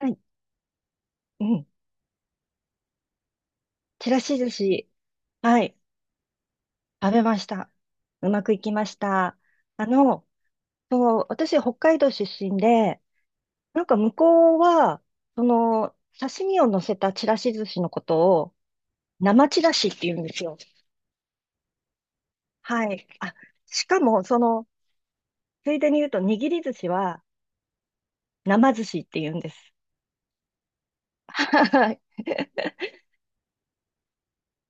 はい。うん。ちらし寿司。はい。食べました。うまくいきました。あの、そう、私、北海道出身で、なんか向こうは、刺身を乗せたちらし寿司のことを、生ちらしって言うんですよ。はい。あ、しかも、ついでに言うと、握り寿司は、生寿司って言うんです。はい。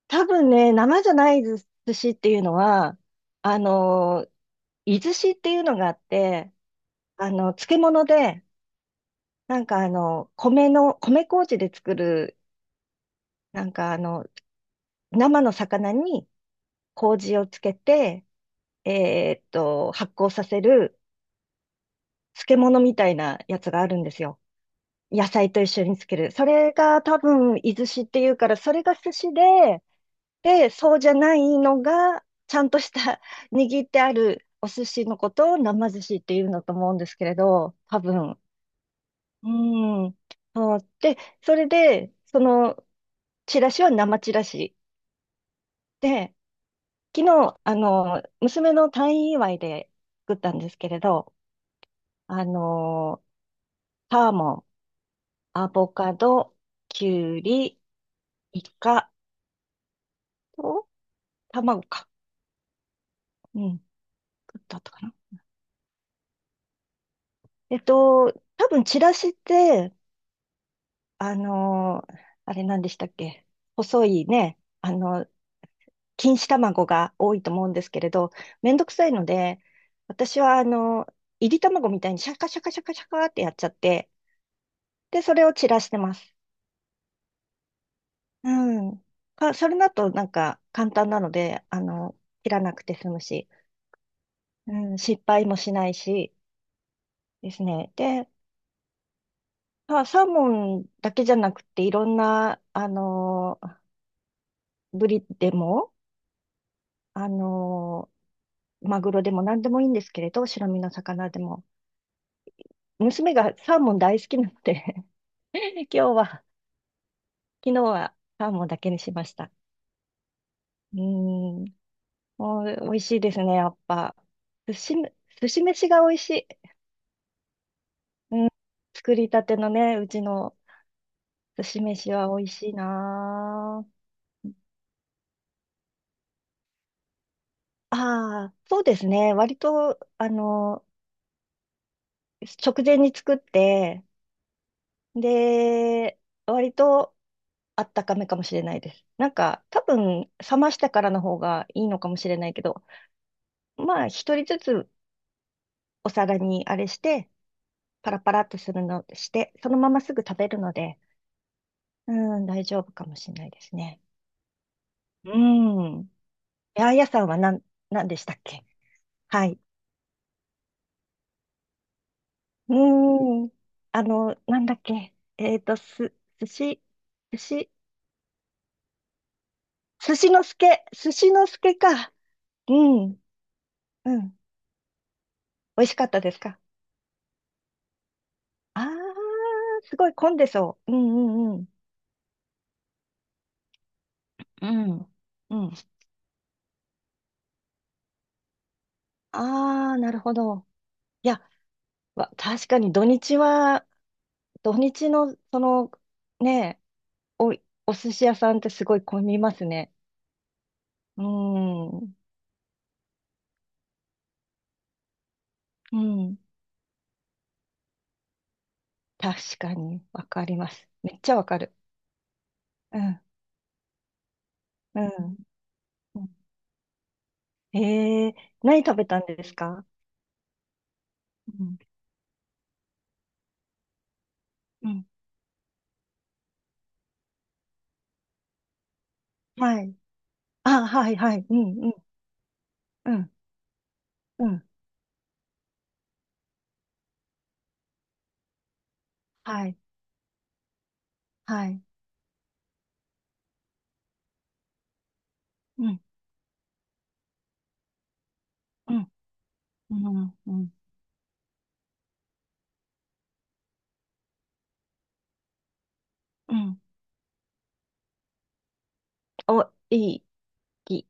多分ね、生じゃない寿司っていうのは、あのー、いずしっていうのがあって、漬物で、なんか米の、米麹で作る、なんか生の魚に麹をつけて、発酵させる漬物みたいなやつがあるんですよ。野菜と一緒につける。それが多分、イズシっていうから、それが寿司で、で、そうじゃないのが、ちゃんとした 握ってあるお寿司のことを生寿司っていうのと思うんですけれど、多分、うん。そう。で、それで、チラシは生チラシ。で、昨日、娘の退院祝いで作ったんですけれど、あの、サーモン、アボカド、キュウリ、イカと、卵か。うん、作ったったかな。えっと、多分チラシって、あの、あれ何でしたっけ？細いね、錦糸卵が多いと思うんですけれど、めんどくさいので、私はいり卵みたいにシャカシャカシャカシャカってやっちゃって、で、それを散らしてます。うん。か、それだとなんか簡単なので、切らなくて済むし、うん、失敗もしないしですね。で、まあ、サーモンだけじゃなくて、いろんな、ブリでも、あの、マグロでも何でもいいんですけれど、白身の魚でも。娘がサーモン大好きなので今日は、昨日はサーモンだけにしました。うーん、もう美味しいですね、やっぱ。寿司、寿司飯が美味しい。うん、作りたてのね、うちの寿司飯は美味しいなあああ、そうですね。割と、直前に作って、で、割とあったかめかもしれないです。なんか、多分、冷ましてからの方がいいのかもしれないけど、まあ、一人ずつお皿にあれして、パラパラっとするの、して、そのまますぐ食べるので、うん、大丈夫かもしれないですね。うん。八重屋さんは何、何でしたっけ？はい。うん。なんだっけす、寿司、寿司、寿司の助、寿司の助か。うん、うん。美味しかったですか？ああー、すごい混んでそう。うんうんうん。うん。うん。ああ、なるほど。いや、わ確かに土日は土日の、ね、お、お寿司屋さんってすごい混みますね。うん。うん。確かに、わかります。めっちゃわかる。うん。うん。うんえー、何食べたんですか？うん。うん。はい。あ、はい、はい。うん、うん、うん、うん。はい、はい。うん、うん、うん、うん。うんお、いい、いい。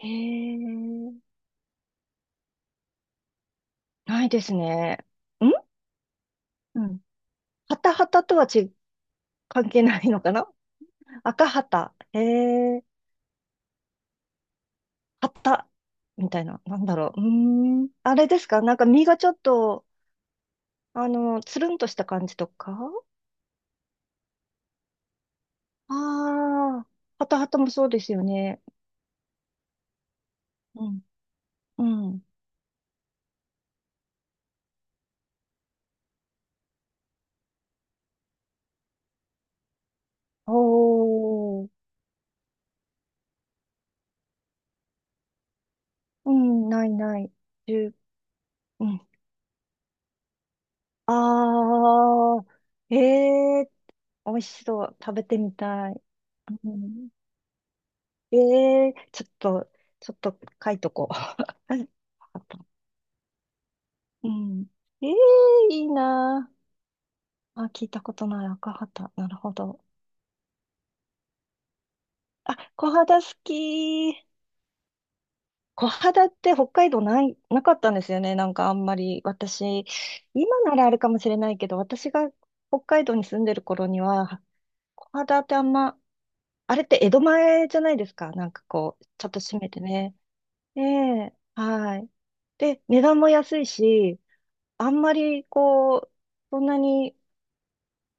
えー、ないですね。んうん。ハタハタとはち、関係ないのかな？赤旗。へえ、旗。みたいな。なんだろう。うーん。あれですか？なんか身がちょっと、つるんとした感じとかああー、旗旗もそうですよね。うん。うん。おー。うん、ないない。じゅうん。ああ、ええー、美味しそう。食べてみたい。うん、ええー、ちょっと、ちょっと書いとこう。あったうん。ええー、いいな。あ、聞いたことない赤旗。なるほど。あ、小肌好き。小肌って北海道ない、なかったんですよね。なんかあんまり私、今ならあるかもしれないけど、私が北海道に住んでる頃には、小肌ってあんま、あれって江戸前じゃないですか。なんかこう、ちょっと閉めてね。ええ、はい。で、値段も安いし、あんまりこう、そんなに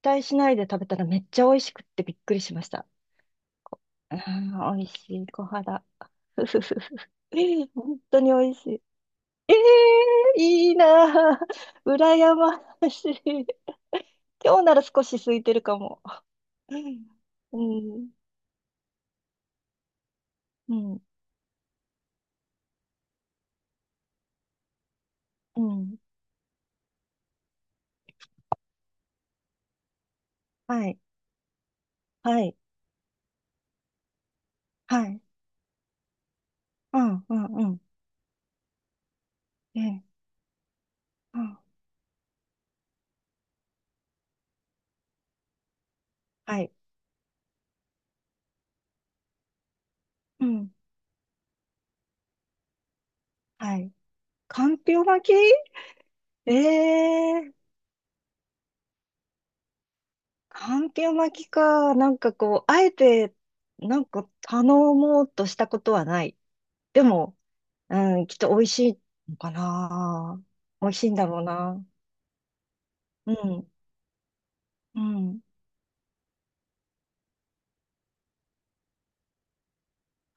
期待しないで食べたらめっちゃ美味しくってびっくりしました。あー、美味しい、小肌。ふふふふ本当に美味しい。ええいいなあ。羨ましい。今日なら少し空いてるかも。うん、うん、うん。うんはい、はい、はい。うん、うん、うん。ええ、うん、はい、うん、はい。かんぴょう巻き？ええかんぴょう巻きか。なんかこう、あえて、なんか頼もうとしたことはない。でも、うん、きっと美味しいのかな。美味しいんだろうな。うん、うん、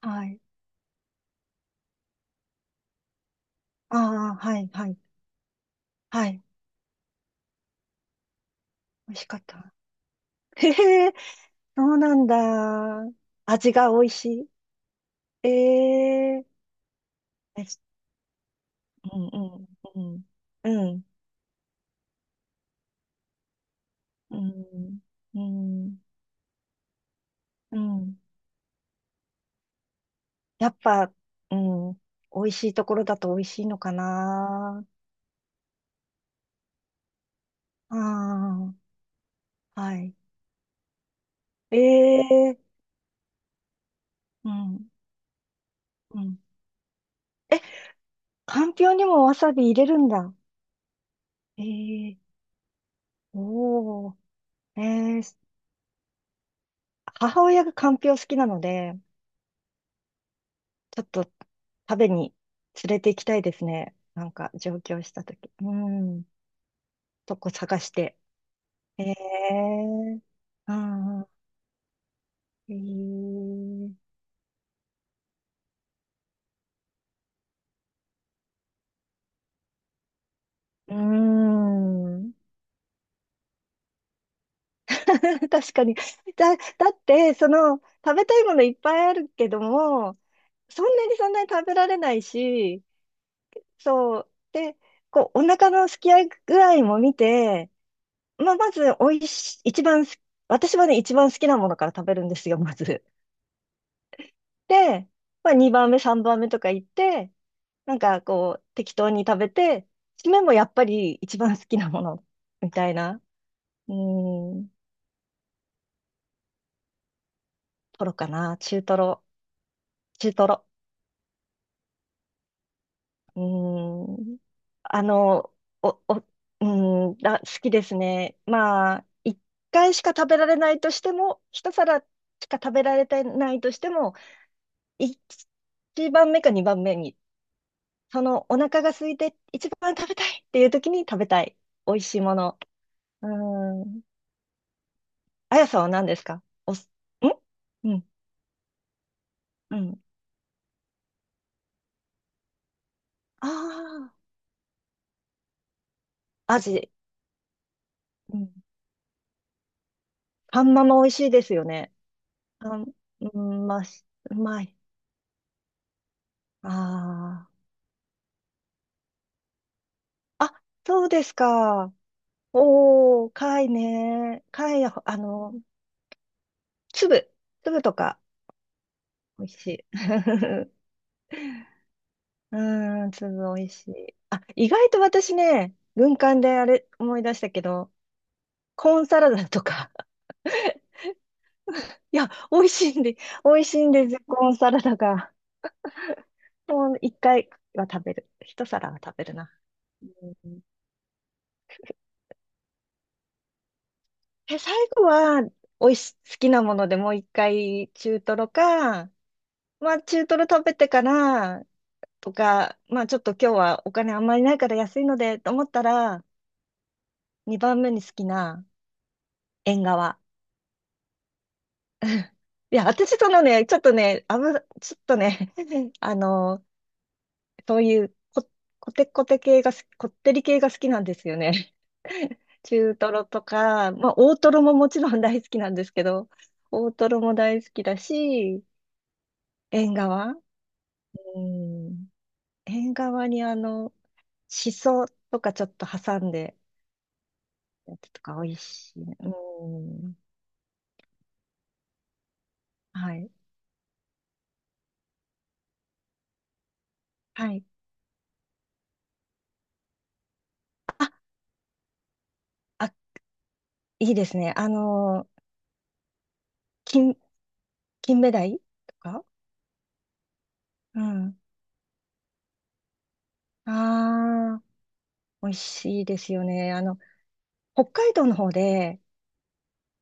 はい。ああ、はい、はい、はい。美味しかった。へえ、そうなんだ。味が美味しい。えー、え、しうん、うん、うん、うん、うん、うん。うんやっぱ、うん、美味しいところだと美味しいのかな。ああ、はい。ええ、うん、うん。かんぴょうにもわさび入れるんだ。ええおおええ母親がかんぴょう好きなので、ちょっと食べに連れて行きたいですね。なんか上京したときうん。とこ探して。ええうんうええうーん。確かに。だ、だって、食べたいものいっぱいあるけども、そんなにそんなに食べられないし、そう。で、こう、お腹のすき合い具合も見て、まあ、まず、おいし、一番す、私はね、一番好きなものから食べるんですよ、まず。で、まあ、2番目、3番目とか行って、なんか、こう、適当に食べて、締めもやっぱり一番好きなもの、みたいな。うーん、トロかな、中トロ、中トロ。うーん。あの、お、お、うーん、あ、好きですね。まあ、一回しか食べられないとしても、一皿しか食べられてないとしても、一番目か二番目に、そのお腹が空いて一番食べたいっていう時に食べたい。美味しいもの。うーん。あやさんは何ですかおす、んうん、うん。ああ、アジ。うん。半マも美味しいですよね。あん、うん、まあ、しうまい。ああ。あ、そうですか。おー、貝ね。貝、粒、粒とか、美味しい。うーん、粒美味しい。あ、意外と私ね、軍艦であれ思い出したけど、コーンサラダとか、いや、美味しいんで、美味しいんですよ、コーンサラダが。もう一回は食べる。一皿は食べるな。うんえ、最後は、おいし、好きなものでもう一回中トロか、まあ中トロ食べてからとか、まあちょっと今日はお金あんまりないから安いのでと思ったら、2番目に好きな縁側。いや、私そのね、ちょっとね、あぶ、ちょっとね、あの、そういうこ、こてこて系が好き、こってり系が好きなんですよね。中トロとか、まあ大トロももちろん大好きなんですけど、大トロも大好きだし、縁側。うん。縁側にしそとかちょっと挟んで、やつとか美味しい。うん。はい。はい。あ、あ、いいですね。金、金目鯛とかうん。ああ、美味しいですよね。北海道の方で、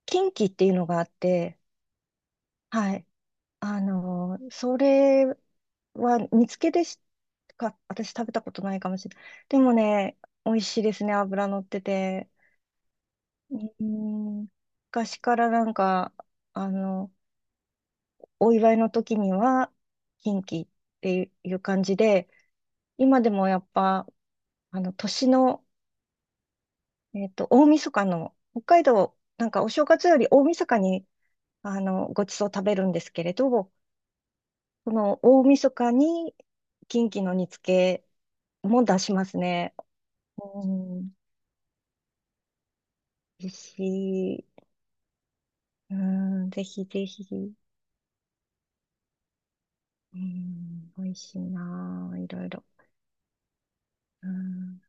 近畿っていうのがあって、はい。それは煮付けでしか、私食べたことないかもしれない。でもね、美味しいですね。脂乗ってて。うん。昔からなんか、あの、お祝いの時には、近畿っていう感じで、今でもやっぱ、年の、大晦日の、北海道、なんかお正月より大晦日に、ごちそう食べるんですけれど、この大晦日に、近畿の煮付けも出しますね。うん、美味しい。うん、ぜひぜひ。うん、美味しいなあ、いろいろ。うん